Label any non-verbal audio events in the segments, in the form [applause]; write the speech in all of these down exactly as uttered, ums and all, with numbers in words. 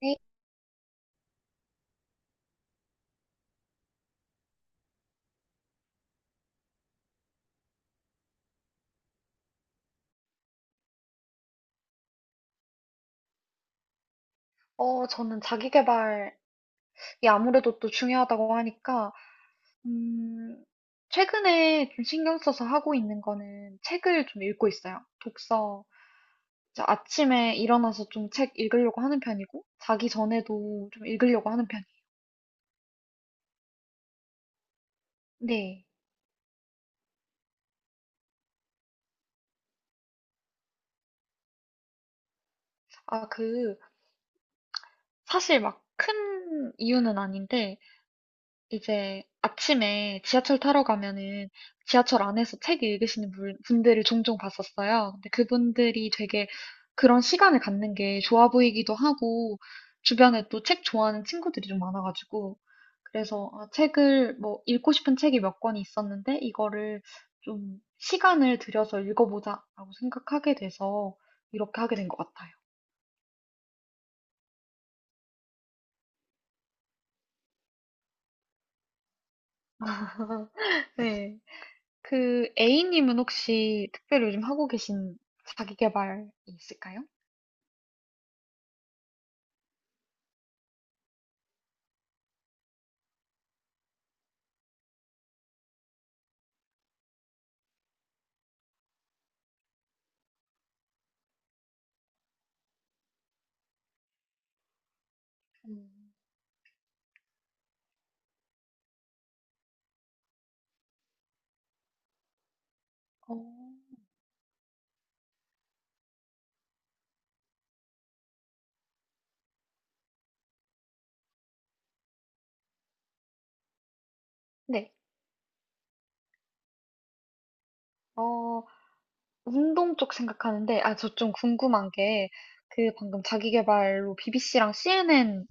네. 어, 저는 자기계발이 아무래도 또 중요하다고 하니까, 음, 최근에 좀 신경 써서 하고 있는 거는 책을 좀 읽고 있어요. 독서. 이제 아침에 일어나서 좀 책 읽으려고 하는 편이고, 자기 전에도 좀 읽으려고 하는 편이에요. 네. 아, 그, 사실 막 큰 이유는 아닌데, 이제 아침에 지하철 타러 가면은 지하철 안에서 책 읽으시는 분- 분들을 종종 봤었어요. 근데 그분들이 되게 그런 시간을 갖는 게 좋아 보이기도 하고, 주변에 또 책 좋아하는 친구들이 좀 많아가지고, 그래서 아, 책을, 뭐, 읽고 싶은 책이 몇 권이 있었는데, 이거를 좀 시간을 들여서 읽어보자라고 생각하게 돼서 이렇게 하게 된 것 같아요. [laughs] 네. 그 A님은 혹시 특별히 요즘 하고 계신 자기계발이 있을까요? 음, 어, 네. 어, 운동 쪽 생각하는데, 아, 저 좀 궁금한 게, 그 방금 자기계발로 비비씨랑 씨엔엔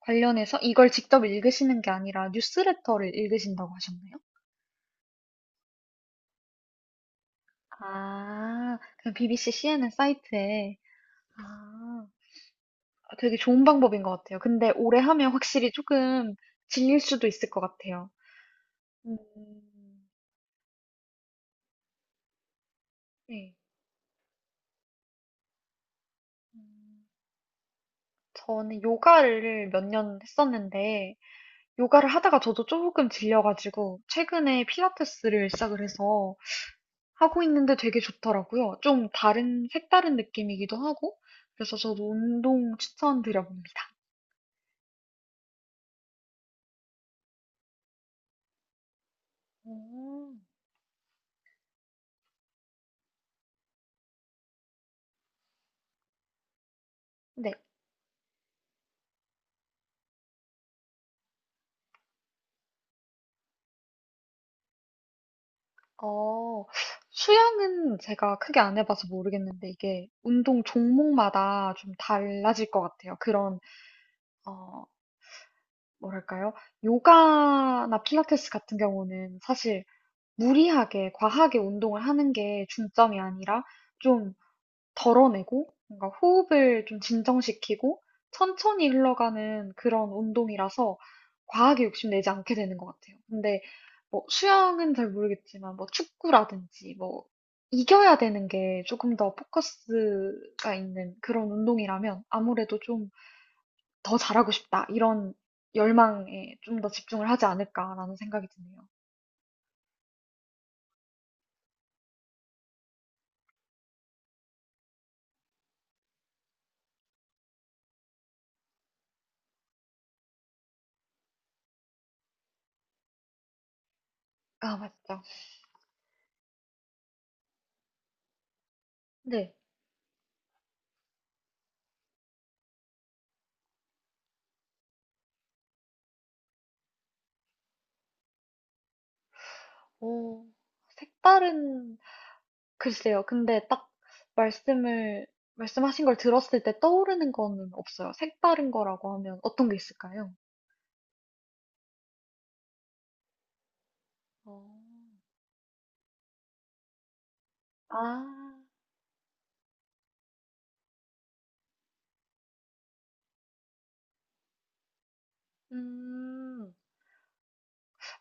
관련해서 이걸 직접 읽으시는 게 아니라 뉴스레터를 읽으신다고 하셨나요? 아, 그냥 비비씨, 씨엔엔 사이트에. 아, 되게 좋은 방법인 것 같아요. 근데 오래 하면 확실히 조금 질릴 수도 있을 것 같아요. 음, 네. 음. 저는 요가를 몇 년 했었는데, 요가를 하다가 저도 조금 질려가지고, 최근에 필라테스를 시작을 해서 하고 있는데 되게 좋더라고요. 좀 다른, 색다른 느낌이기도 하고, 그래서 저도 운동 추천드려봅니다. 음. 네, 어, 수영은 제가 크게 안 해봐서 모르겠는데, 이게 운동 종목마다 좀 달라질 것 같아요. 그런, 어, 뭐랄까요? 요가나 필라테스 같은 경우는 사실 무리하게 과하게 운동을 하는 게 중점이 아니라 좀 덜어내고 뭔가 호흡을 좀 진정시키고 천천히 흘러가는 그런 운동이라서 과하게 욕심내지 않게 되는 것 같아요. 근데 뭐 수영은 잘 모르겠지만 뭐 축구라든지 뭐 이겨야 되는 게 조금 더 포커스가 있는 그런 운동이라면 아무래도 좀 더 잘하고 싶다 이런 열망에 좀 더 집중을 하지 않을까라는 생각이 드네요. 아, 맞죠. 네. 오, 색다른, 글쎄요. 근데 딱 말씀을, 말씀하신 걸 들었을 때 떠오르는 거는 없어요. 색다른 거라고 하면 어떤 게 있을까요? 어. 아, 음.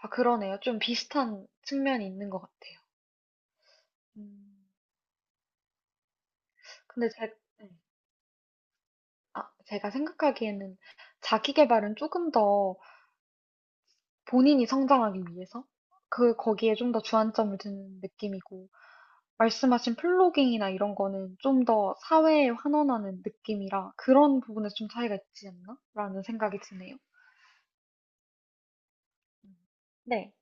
아, 그러네요. 좀 비슷한 측면이 있는 것 같아요. 음. 근데 제, 네. 아, 제가 생각하기에는 자기 개발은 조금 더 본인이 성장하기 위해서 그, 거기에 좀 더 주안점을 두는 느낌이고, 말씀하신 플로깅이나 이런 거는 좀 더 사회에 환원하는 느낌이라 그런 부분에서 좀 차이가 있지 않나? 라는 생각이 드네요. 음. 네.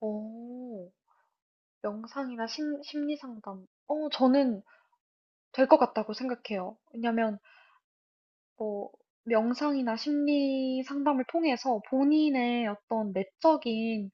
오, 명상이나 심, 심리 상담. 어, 저는 될 것 같다고 생각해요. 왜냐면, 뭐, 명상이나 심리 상담을 통해서 본인의 어떤 내적인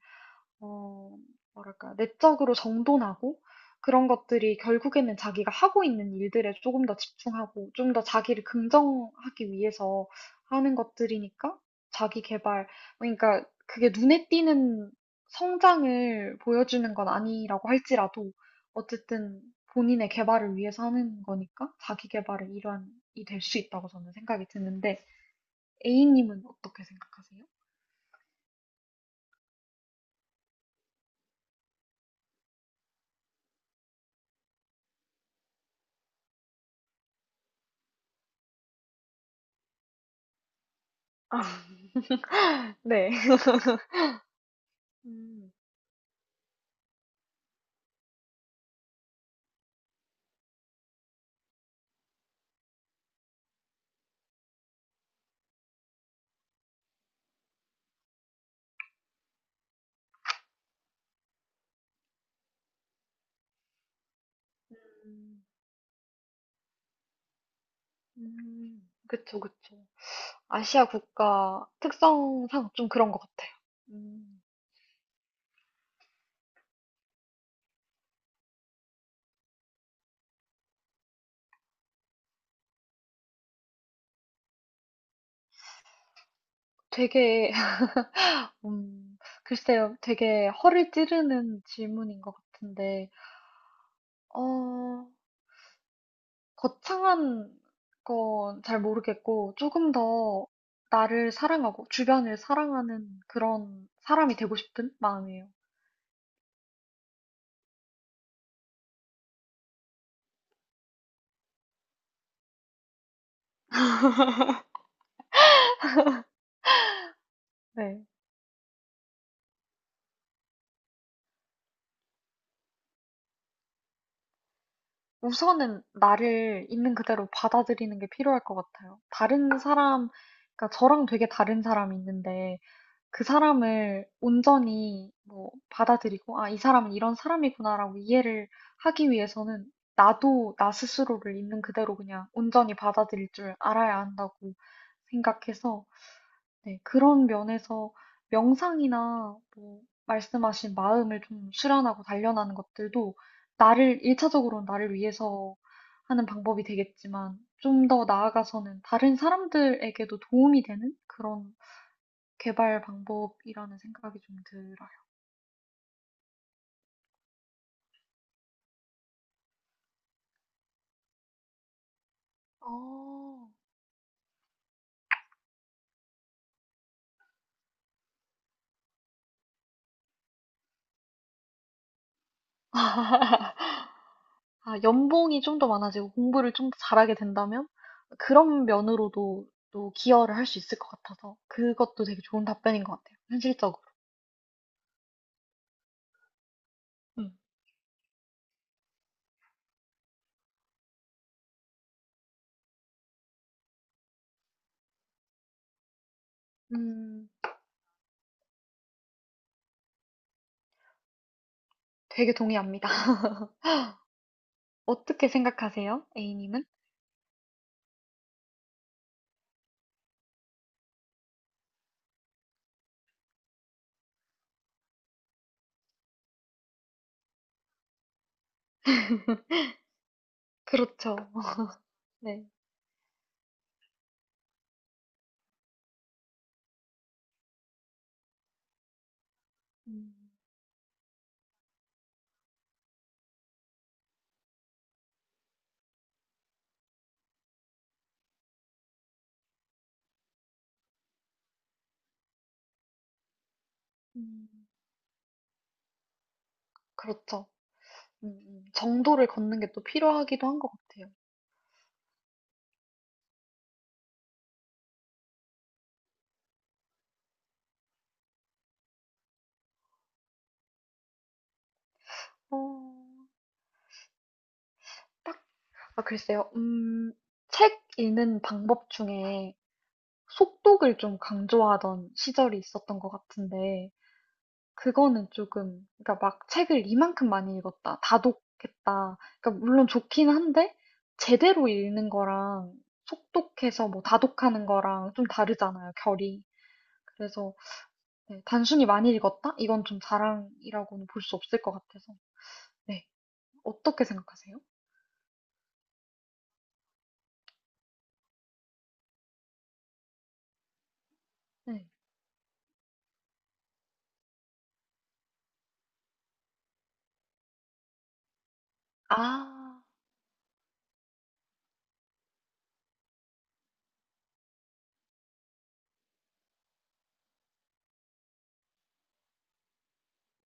어, 뭐랄까, 내적으로 정돈하고 그런 것들이 결국에는 자기가 하고 있는 일들에 조금 더 집중하고 좀 더 자기를 긍정하기 위해서 하는 것들이니까 자기 개발, 그러니까 그게 눈에 띄는 성장을 보여주는 건 아니라고 할지라도 어쨌든 본인의 개발을 위해서 하는 거니까 자기 개발의 일환이 될 수 있다고 저는 생각이 드는데 A님은 어떻게 생각하세요? [laughs] 네. 음, 음. 음, 그쵸, 그쵸. 아시아 국가 특성상 좀 그런 것 같아요. 음, 되게, [laughs] 음, 글쎄요, 되게 허를 찌르는 질문인 것 같은데, 어, 거창한 건 잘 모르겠고, 조금 더 나를 사랑하고, 주변을 사랑하는 그런 사람이 되고 싶은 마음이에요. 네. 우선은 나를 있는 그대로 받아들이는 게 필요할 것 같아요. 다른 사람, 그러니까 저랑 되게 다른 사람이 있는데 그 사람을 온전히 뭐 받아들이고, 아, 이 사람은 이런 사람이구나라고 이해를 하기 위해서는 나도 나 스스로를 있는 그대로 그냥 온전히 받아들일 줄 알아야 한다고 생각해서 네, 그런 면에서 명상이나 뭐 말씀하신 마음을 좀 수련하고 단련하는 것들도 나를, 일차적으로는 나를 위해서 하는 방법이 되겠지만 좀 더 나아가서는 다른 사람들에게도 도움이 되는 그런 개발 방법이라는 생각이 좀 들어요. 어, 아, 연봉이 좀 더 많아지고 공부를 좀 더 잘하게 된다면 그런 면으로도 또 기여를 할 수 있을 것 같아서 그것도 되게 좋은 답변인 것 같아요. 현실적으로. 음. 음. 되게 동의합니다. [laughs] 어떻게 생각하세요? A님은? 그렇죠. [laughs] 네. 음, 음, 그렇죠. 음, 음. 정도를 걷는 게 또 필요하기도 한 것 같아요. 어, 딱, 아, 글쎄요. 음, 책 읽는 방법 중에 속독을 좀 강조하던 시절이 있었던 것 같은데, 그거는 조금, 그러니까 막 책을 이만큼 많이 읽었다, 다독했다. 그러니까 물론 좋긴 한데, 제대로 읽는 거랑 속독해서 뭐 다독하는 거랑 좀 다르잖아요, 결이. 그래서 네, 단순히 많이 읽었다? 이건 좀 자랑이라고는 볼 수 없을 것 같아서. 네, 어떻게 생각하세요? 네. 아,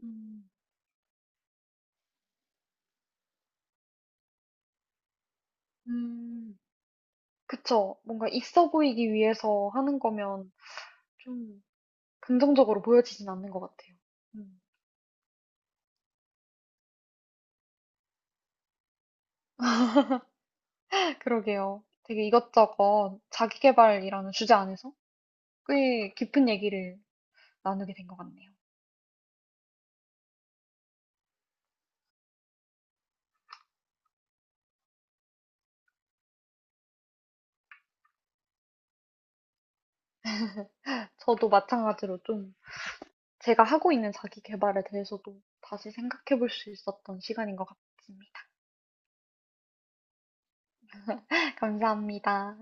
음, 음, 그쵸. 뭔가 있어 보이기 위해서 하는 거면 좀 긍정적으로 보여지진 않는 것 같아요. 음. 그러게요. 되게 이것저것 자기계발이라는 주제 안에서 꽤 깊은 얘기를 나누게 된 것 같네요. 저도 마찬가지로 좀 제가 하고 있는 자기계발에 대해서도 다시 생각해 볼 수 있었던 시간인 것 같습니다. [laughs] 감사합니다.